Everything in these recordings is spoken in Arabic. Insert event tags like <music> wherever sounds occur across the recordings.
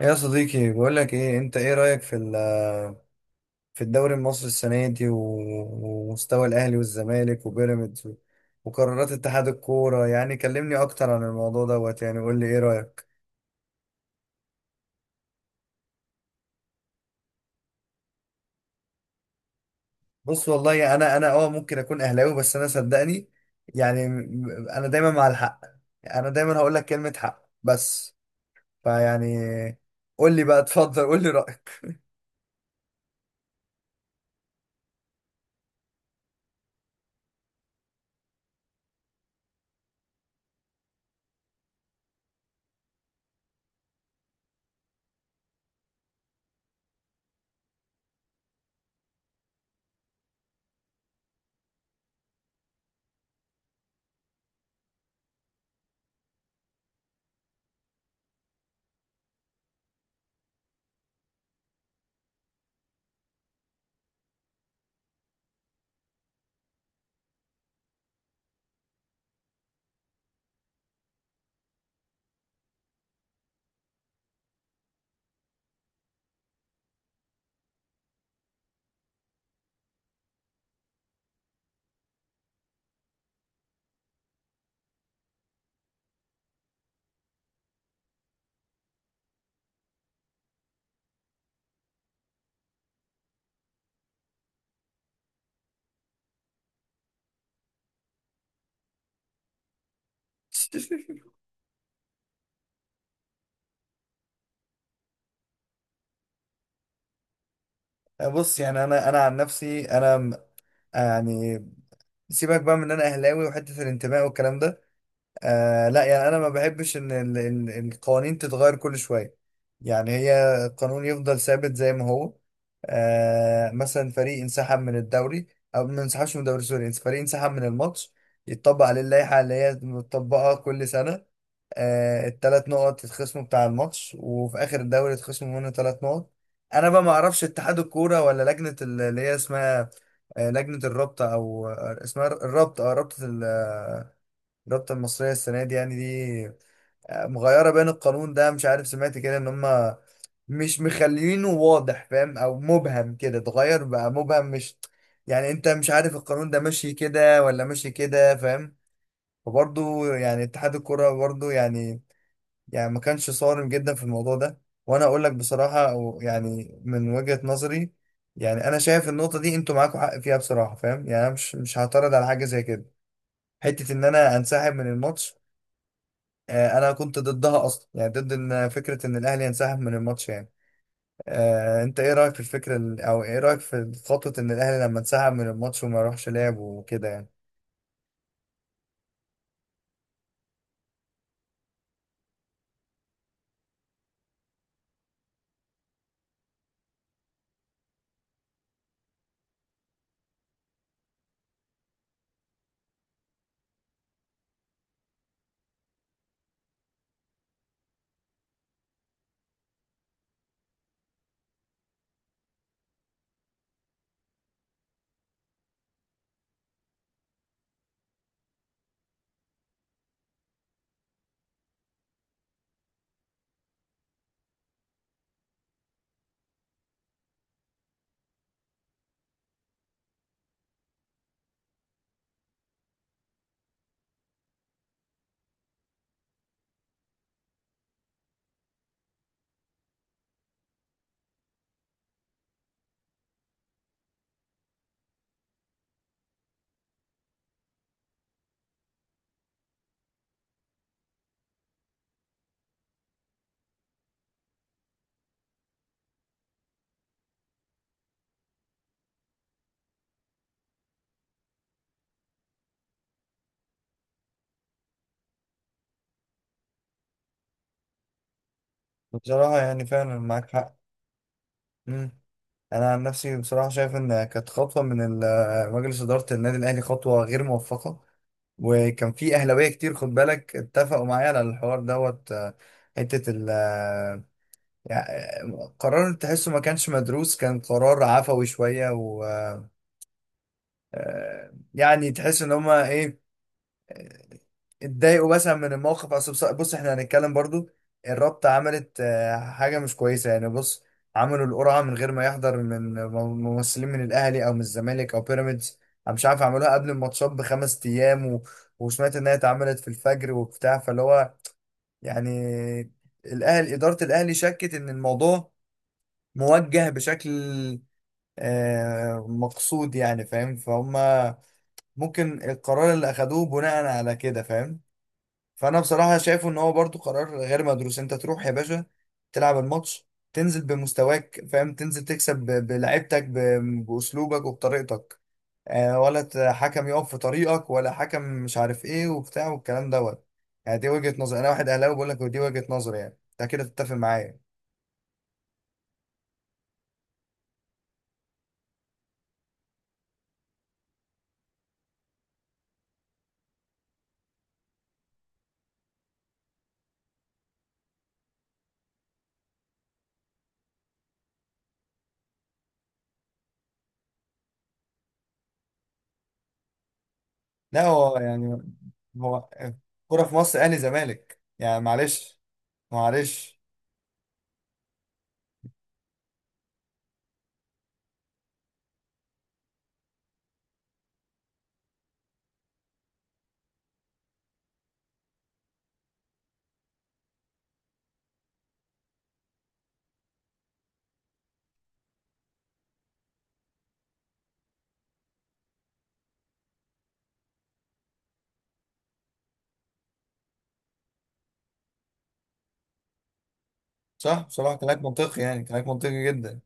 يا صديقي، بقول لك ايه؟ انت ايه رايك في في الدوري المصري السنه دي ومستوى الاهلي والزمالك وبيراميدز وقرارات اتحاد الكوره؟ يعني كلمني اكتر عن الموضوع دوت، يعني قول لي ايه رايك. بص والله، انا اه ممكن اكون اهلاوي، بس انا صدقني يعني انا دايما مع الحق. انا دايما هقول لك كلمه حق، بس فيعني قول لي بقى، اتفضل قول لي رايك. <laughs> بص، يعني انا عن نفسي يعني سيبك بقى من ان انا اهلاوي وحته الانتماء والكلام ده. آه لا، يعني انا ما بحبش ان القوانين تتغير كل شويه. يعني هي القانون يفضل ثابت زي ما هو. آه مثلا فريق انسحب من الدوري او ما انسحبش من الدوري، سوري، فريق انسحب من الماتش، يتطبق عليه اللائحه اللي هي متطبقه كل سنه. آه الثلاث نقط يتخصموا بتاع الماتش، وفي اخر الدوري يتخصموا منه ثلاث نقط. انا بقى ما اعرفش اتحاد الكوره ولا لجنه اللي هي اسمها لجنه الرابطه او اسمها الرابطه، اه رابطه، الرابطة المصرية السنة دي، يعني دي مغيرة بين القانون ده؟ مش عارف، سمعت كده ان هم مش مخلينه واضح، فاهم؟ او مبهم كده اتغير بقى، مبهم. مش يعني انت مش عارف القانون ده ماشي كده ولا ماشي كده، فاهم؟ فبرضه يعني اتحاد الكرة برضه يعني، يعني ما كانش صارم جدا في الموضوع ده. وانا اقول لك بصراحة، أو يعني من وجهة نظري، يعني انا شايف النقطة دي انتوا معاكوا حق فيها بصراحة، فاهم؟ يعني انا مش هعترض على حاجة زي كده. حتة ان انا انسحب من الماتش، انا كنت ضدها اصلا، يعني ضد ان فكره ان الاهلي ينسحب من الماتش يعني. انت ايه رايك في الفكره او ايه رايك في خطوه ان الاهلي لما انسحب من الماتش وما يروحش لعب وكده يعني؟ بصراحه يعني فعلا معاك حق. مم. انا عن نفسي بصراحه شايف ان كانت خطوه من مجلس اداره النادي الاهلي خطوه غير موفقه. وكان في اهلاويه كتير، خد بالك، اتفقوا معايا على الحوار دوت. آه، حته ال آه، يعني قرار تحسه ما كانش مدروس، كان قرار عفوي شويه. يعني تحس ان هما ايه، آه، اتضايقوا مثلا من الموقف. اصل بص احنا هنتكلم برضو، الرابطة عملت حاجة مش كويسة، يعني بص، عملوا القرعة من غير ما يحضر ممثلين من الاهلي او من الزمالك او بيراميدز. انا مش عارف، عملوها قبل الماتشات بخمس ايام وسمعت انها اتعملت في الفجر وبتاع، فاللي هو يعني الاهلي، ادارة الاهلي شكت ان الموضوع موجه بشكل مقصود، يعني فاهم، فهم. ممكن القرار اللي اخدوه بناء على كده، فاهم؟ فانا بصراحه شايفه ان هو برضو قرار غير مدروس. انت تروح يا باشا، تلعب الماتش، تنزل بمستواك، فاهم، تنزل تكسب بلعبتك باسلوبك وبطريقتك، ولا حكم يقف في طريقك، ولا حكم مش عارف ايه وبتاع والكلام دوت. يعني دي وجهه نظر، انا واحد اهلاوي بقول لك دي وجهه نظري، يعني انت كده تتفق معايا. لا هو يعني، هو كرة في مصر اهلي زمالك، يعني معلش، معلش. صح، بصراحة كلامك منطقي، يعني كلامك منطقي جدا.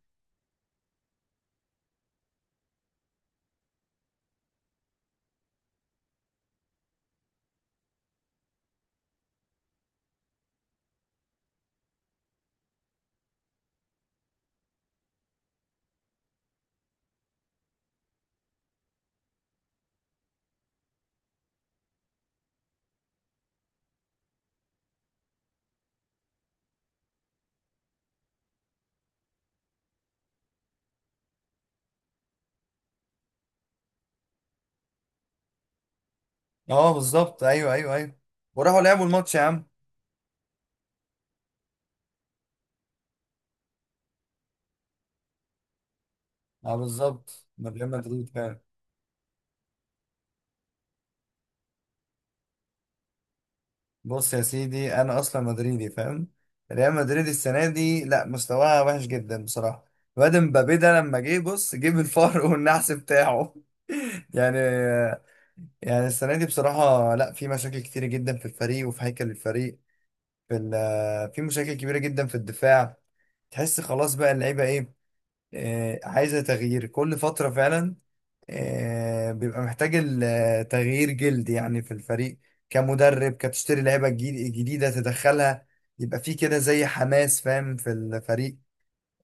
اه بالظبط، ايوه ايوه ايوه، وراحوا لعبوا الماتش يا عم. اه بالظبط، من ريال مدريد فعلا. بص يا سيدي، انا اصلا مدريدي، فاهم. ريال مدريد السنة دي لا، مستواها وحش جدا بصراحة. الواد مبابي ده لما جه، بص، جيب الفار <laughs> والنحس بتاعه <laughs> يعني. يعني السنة دي بصراحة لا، في مشاكل كتيرة جدا في الفريق وفي هيكل الفريق. في في مشاكل كبيرة جدا في الدفاع. تحس خلاص بقى، اللعيبه ايه، عايزة تغيير كل فترة فعلا. بيبقى محتاج تغيير جلد يعني في الفريق، كمدرب كتشتري لعيبة جديدة تدخلها، يبقى في كده زي حماس، فاهم، في الفريق.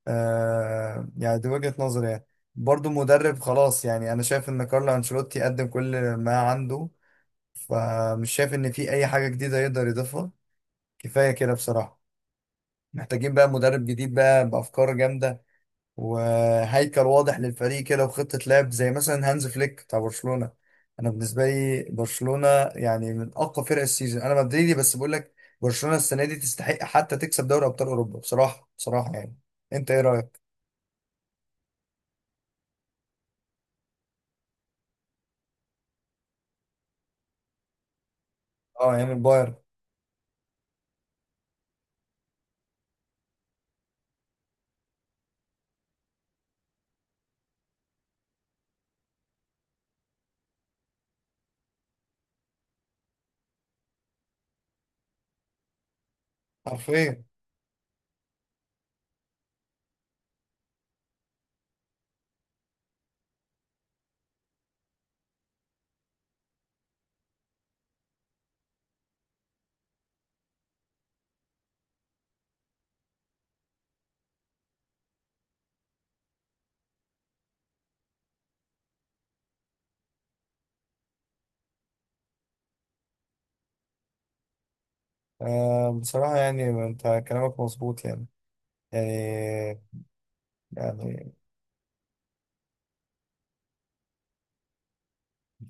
يعني دي وجهة نظري يعني. برضو مدرب خلاص، يعني أنا شايف إن كارلو أنشيلوتي قدم كل ما عنده، فمش شايف إن في أي حاجة جديدة يقدر يضيفها. كفاية كده بصراحة. محتاجين بقى مدرب جديد بقى بأفكار جامدة، وهيكل واضح للفريق كده، وخطة لعب زي مثلا هانز فليك بتاع برشلونة. انا بالنسبة لي برشلونة يعني من اقوى فرق السيزون. انا مدريدي بس بقول لك، برشلونة السنة دي تستحق حتى تكسب دوري ابطال اوروبا بصراحة، بصراحة يعني. انت ايه رأيك؟ اه يعني البايرن. حرفيا. آه بصراحة يعني انت كلامك مظبوط يعني. يعني. يعني.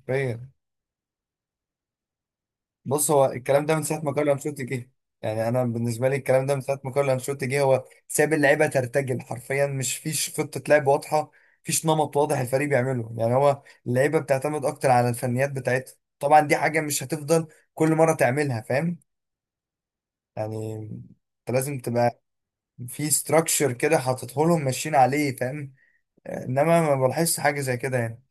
حرفيا. بص، هو الكلام ده من ساعه ما كارلو انشيلوتي جه. يعني انا بالنسبه لي الكلام ده من ساعه ما كارلو انشيلوتي جه، هو ساب اللعيبه ترتجل حرفيا، مش فيش خطه لعب واضحه، فيش نمط واضح الفريق بيعمله. يعني هو اللعيبه بتعتمد اكتر على الفنيات بتاعتها. طبعا دي حاجه مش هتفضل كل مره تعملها، فاهم، يعني انت لازم تبقى في ستراكشر كده حاططه لهم ماشيين عليه، فاهم. انما ما بلاحظش حاجه زي كده يعني.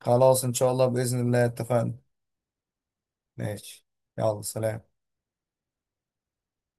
خلاص ان شاء الله، باذن الله اتفقنا. ماشي، يلا سلام.